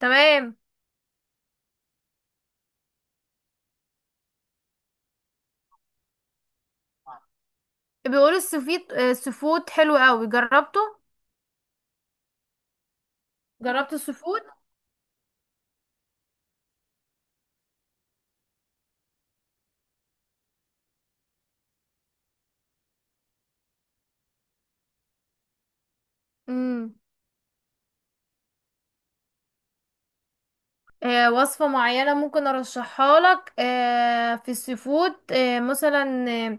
تمام. بيقولوا السفيد آه، السفود حلو قوي. جربته. جربت السفود. امم وصفة معينة ممكن ارشحها لك، في السفود، مثلا،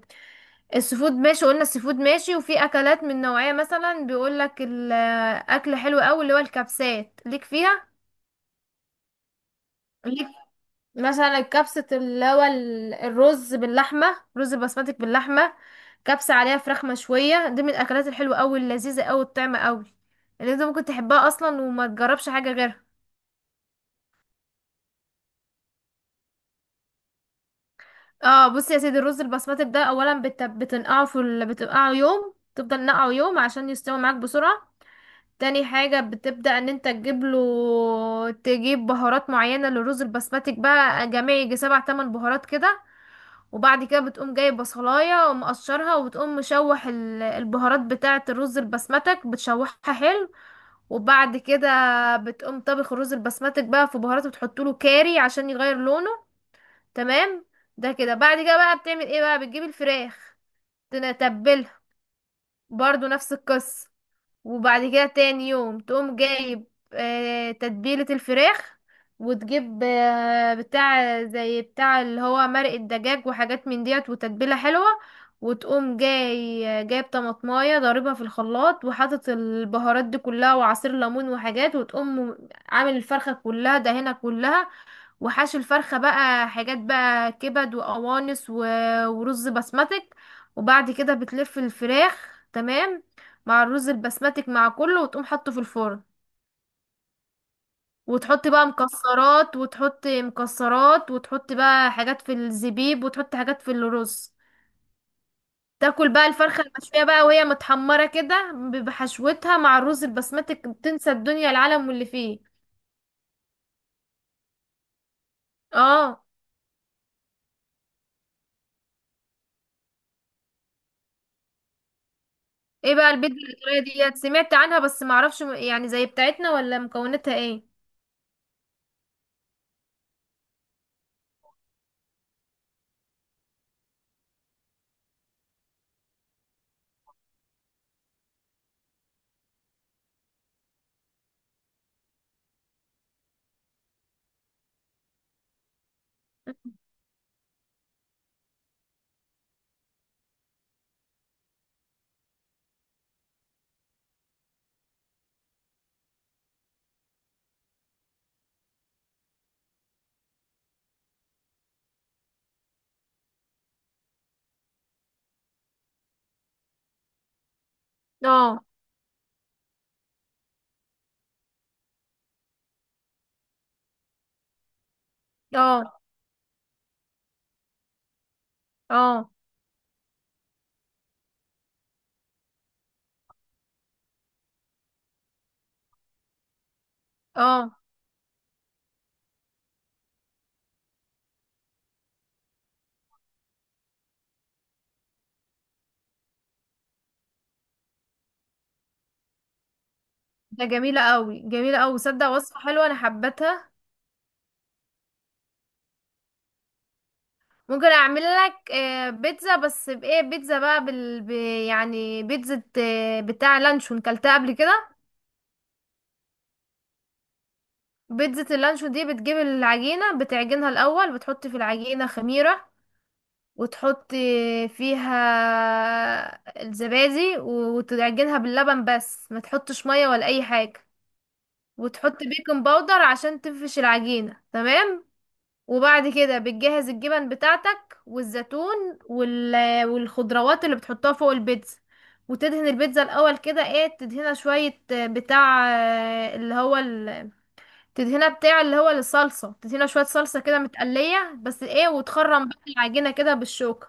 السفود ماشي. قلنا السفود ماشي، وفي اكلات من نوعية، مثلا بيقول لك الاكل حلو قوي، اللي هو الكبسات ليك فيها ليك. مثلا الكبسة اللي هو الرز باللحمة، رز بسمتك باللحمة، كبسة عليها فراخ مشوية. دي من الأكلات الحلوة أوي، اللذيذة أوي، الطعمة أوي، اللي انت ممكن تحبها أصلا وما تجربش حاجة غيرها. اه، بصي يا سيدي، الرز البسمتك ده أولا بتنقعه بتنقعه يوم، تفضل نقعه يوم عشان يستوي معاك بسرعة. تاني حاجة بتبدأ ان انت تجيب له، تجيب بهارات معينة للرز البسمتك بقى، جميع يجي سبع تمن بهارات كده. وبعد كده بتقوم جايب بصلاية ومقشرها، وبتقوم مشوح البهارات بتاعة الرز البسمتك، بتشوحها حلو. وبعد كده بتقوم طبخ الرز البسمتك بقى في بهارات، بتحطوله كاري عشان يغير لونه. تمام. ده كده، بعد كده بقى بتعمل ايه بقى؟ بتجيب الفراخ، تتبلها، برضو نفس القصة. وبعد كده تاني يوم تقوم جايب تتبيلة الفراخ، وتجيب بتاع زي بتاع اللي هو مرق الدجاج وحاجات من ديت، وتتبيلة حلوة. وتقوم جاي جايب طماطماية ضاربها في الخلاط، وحاطط البهارات دي كلها وعصير ليمون وحاجات، وتقوم عامل الفرخة كلها، دهنها كلها. وحشو الفرخة بقى حاجات بقى، كبد وقوانص ورز بسمتك. وبعد كده بتلف الفراخ. تمام. مع الرز البسمتك مع كله، وتقوم حطه في الفرن. وتحط بقى مكسرات، وتحط مكسرات، وتحط بقى حاجات في الزبيب، وتحط حاجات في الرز. تاكل بقى الفرخة المشوية بقى، وهي متحمرة كده بحشوتها مع الرز البسمتك، بتنسى الدنيا العالم واللي فيه. اه. ايه بقى البيتزا الايطالية ديت؟ سمعت عنها بس معرفش، يعني زي بتاعتنا ولا مكوناتها ايه. اه. اه. اه. اه. ده جميلة قوي، جميلة قوي، صدق وصفة حلوة، انا حبتها. ممكن اعمل لك بيتزا. بس بايه بيتزا بقى، يعني بيتزا بتاع لانشون، كلتها قبل كده؟ بيتزا اللانشون دي بتجيب العجينة، بتعجنها الاول، بتحط في العجينة خميرة، وتحطي فيها الزبادي، وتعجنها باللبن بس، ما تحطش ميه ولا اي حاجه. وتحطي بيكنج باودر عشان تنفش العجينه. تمام. وبعد كده بتجهز الجبن بتاعتك والزيتون والخضروات اللي بتحطها فوق البيتزا. وتدهن البيتزا الاول كده، ايه، تدهنها شويه آه، بتاع آه، اللي هو ال... تدهنها بتاع اللي هو الصلصه، تدهنها شويه صلصه كده متقليه بس ايه. وتخرم بقى العجينه كده بالشوكه.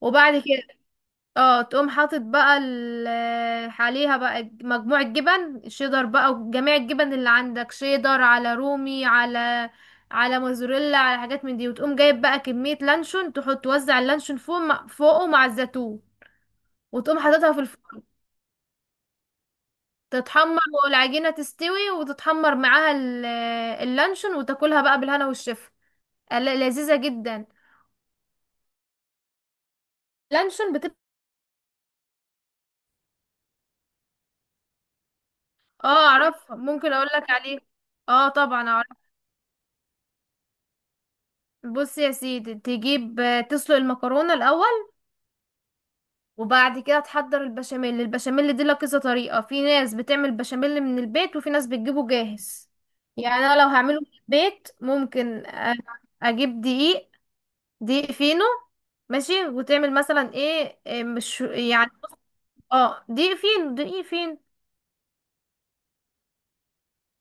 وبعد كده اه تقوم حاطط بقى عليها بقى مجموعة جبن شيدر بقى، وجميع الجبن اللي عندك، شيدر على رومي، على موزاريلا، على حاجات من دي. وتقوم جايب بقى كمية لانشون، تحط توزع اللانشون فوق، فوقه مع الزيتون. وتقوم حاططها في الفرن تتحمر، والعجينة تستوي وتتحمر معاها اللانشون. وتاكلها بقى بالهنا والشفا. لذيذة جدا لانشون بتبقى. اه، اعرفها، ممكن اقول لك عليه. اه، طبعا. بص يا سيدي، تجيب تسلق المكرونة الأول. وبعد كده تحضر البشاميل. البشاميل دي لها كذا طريقة، في ناس بتعمل بشاميل من البيت، وفي ناس بتجيبه جاهز. يعني أنا لو هعمله من البيت ممكن أجيب دقيق، دقيق فينو. ماشي. وتعمل مثلا، ايه، إيه، مش يعني. اه، دقيق فين، دقيق فين،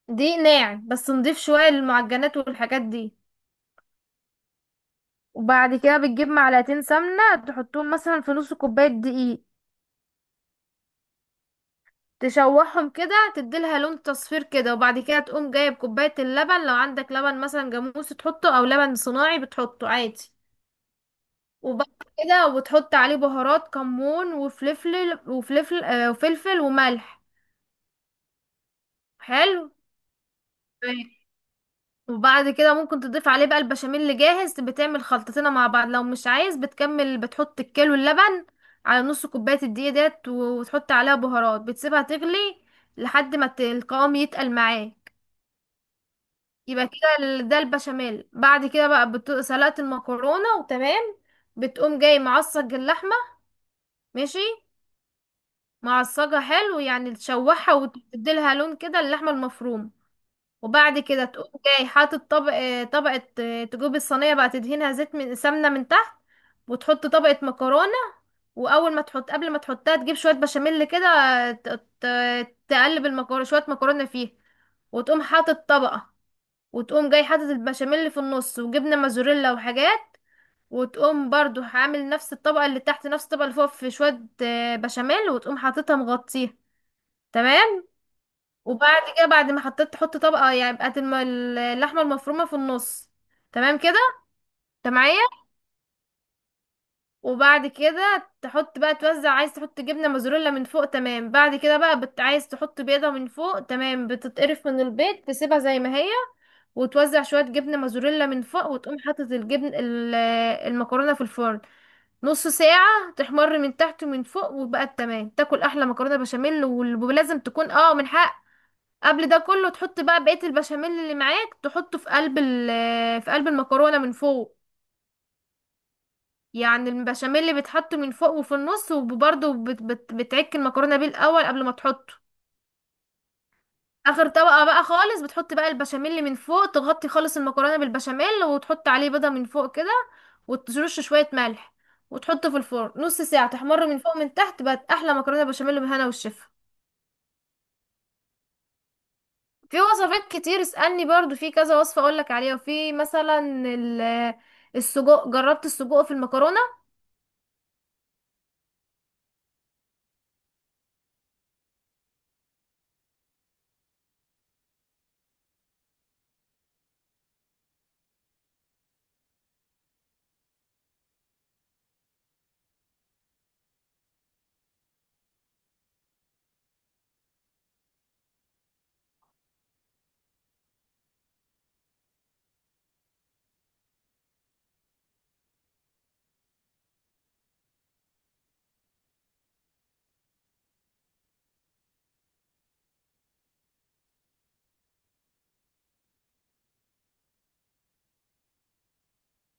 دقيق ناعم بس نضيف، شوية للمعجنات والحاجات دي. وبعد كده بتجيب معلقتين سمنة، تحطهم مثلا في نص كوباية دقيق، تشوحهم كده، تديلها لون تصفير كده. وبعد كده تقوم جايب كوباية اللبن، لو عندك لبن مثلا جاموسي تحطه، او لبن صناعي بتحطه عادي. وبعد كده، وبتحط عليه بهارات، كمون وفلفل وفلفل، وفلفل وملح. حلو. طيب. وبعد كده ممكن تضيف عليه بقى البشاميل اللي جاهز، بتعمل خلطتين مع بعض. لو مش عايز بتكمل، بتحط الكيلو اللبن على نص كوباية الدقيق ديت، وتحط عليها بهارات، بتسيبها تغلي لحد ما القوام يتقل معاه. يبقى كده ده البشاميل. بعد كده بقى سلقت المكرونة وتمام. بتقوم جاي معصج اللحمة. ماشي. معصجها حلو يعني، تشوحها وتديلها لون كده، اللحمة المفرومة. وبعد كده تقوم جاي حاطط طبقة، تجيب الصينية بقى، تدهنها زيت من سمنة من تحت، وتحط طبقة مكرونة. وأول ما تحط، قبل ما تحطها، تجيب شوية بشاميل كده، تقلب المكرونة، شوية مكرونة فيها. وتقوم حاطط طبقة، وتقوم جاي حاطط البشاميل اللي في النص، وجبنه موزاريلا وحاجات. وتقوم برضو عامل نفس الطبقه اللي تحت، نفس الطبقه اللي فوق، في شويه بشاميل، وتقوم حاططها مغطيها. تمام. وبعد كده بعد ما حطيت، تحط طبقه يعني بقت اللحمه المفرومه في النص. تمام كده. انت معايا؟ وبعد كده تحط بقى، توزع، عايز تحط جبنه موزاريلا من فوق. تمام. بعد كده بقى عايز تحط بيضه من فوق. تمام. بتتقرف من البيض، تسيبها زي ما هي. وتوزع شوية جبنة موزاريلا من فوق، وتقوم حاطط المكرونة في الفرن. نص ساعة تحمر من تحت ومن فوق، وبقت تمام. تاكل أحلى مكرونة بشاميل. ولازم تكون، اه، من حق. قبل ده كله تحط بقى بقية البشاميل اللي معاك، تحطه في قلب في قلب المكرونة من فوق. يعني البشاميل اللي بيتحط من فوق وفي النص، وبرضه بت بت بتعك المكرونة بيه الأول قبل ما تحطه. اخر طبقة بقى خالص، بتحط بقى البشاميل اللي من فوق، تغطي خالص المكرونة بالبشاميل، وتحط عليه بيضة من فوق كده، وترش شوية ملح، وتحطه في الفرن نص ساعة، تحمر من فوق من تحت، بقت احلى مكرونة بشاميل، بالهنا والشفا. في وصفات كتير، اسألني برضو في كذا وصفة اقولك عليها. وفي مثلا ال- السجق، جربت السجق في المكرونة؟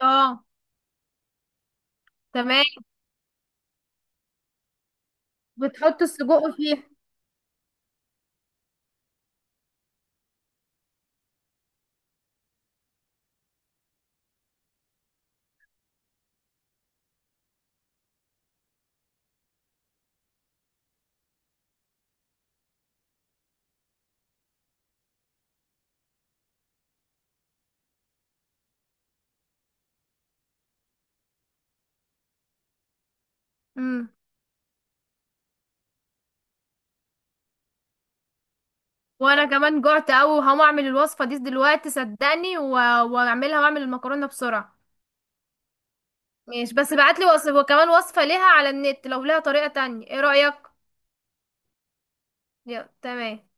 اه، تمام. بتحط السجق فيه. امم وانا كمان جعت اوي، وهقوم اعمل الوصفة دي دلوقتي، صدقني. واعملها واعمل المكرونة بسرعة. ماشي، بس بعتلي وصف وكمان وصفة ليها على النت، لو ليها طريقة تانية، ايه رأيك؟ يا تمام.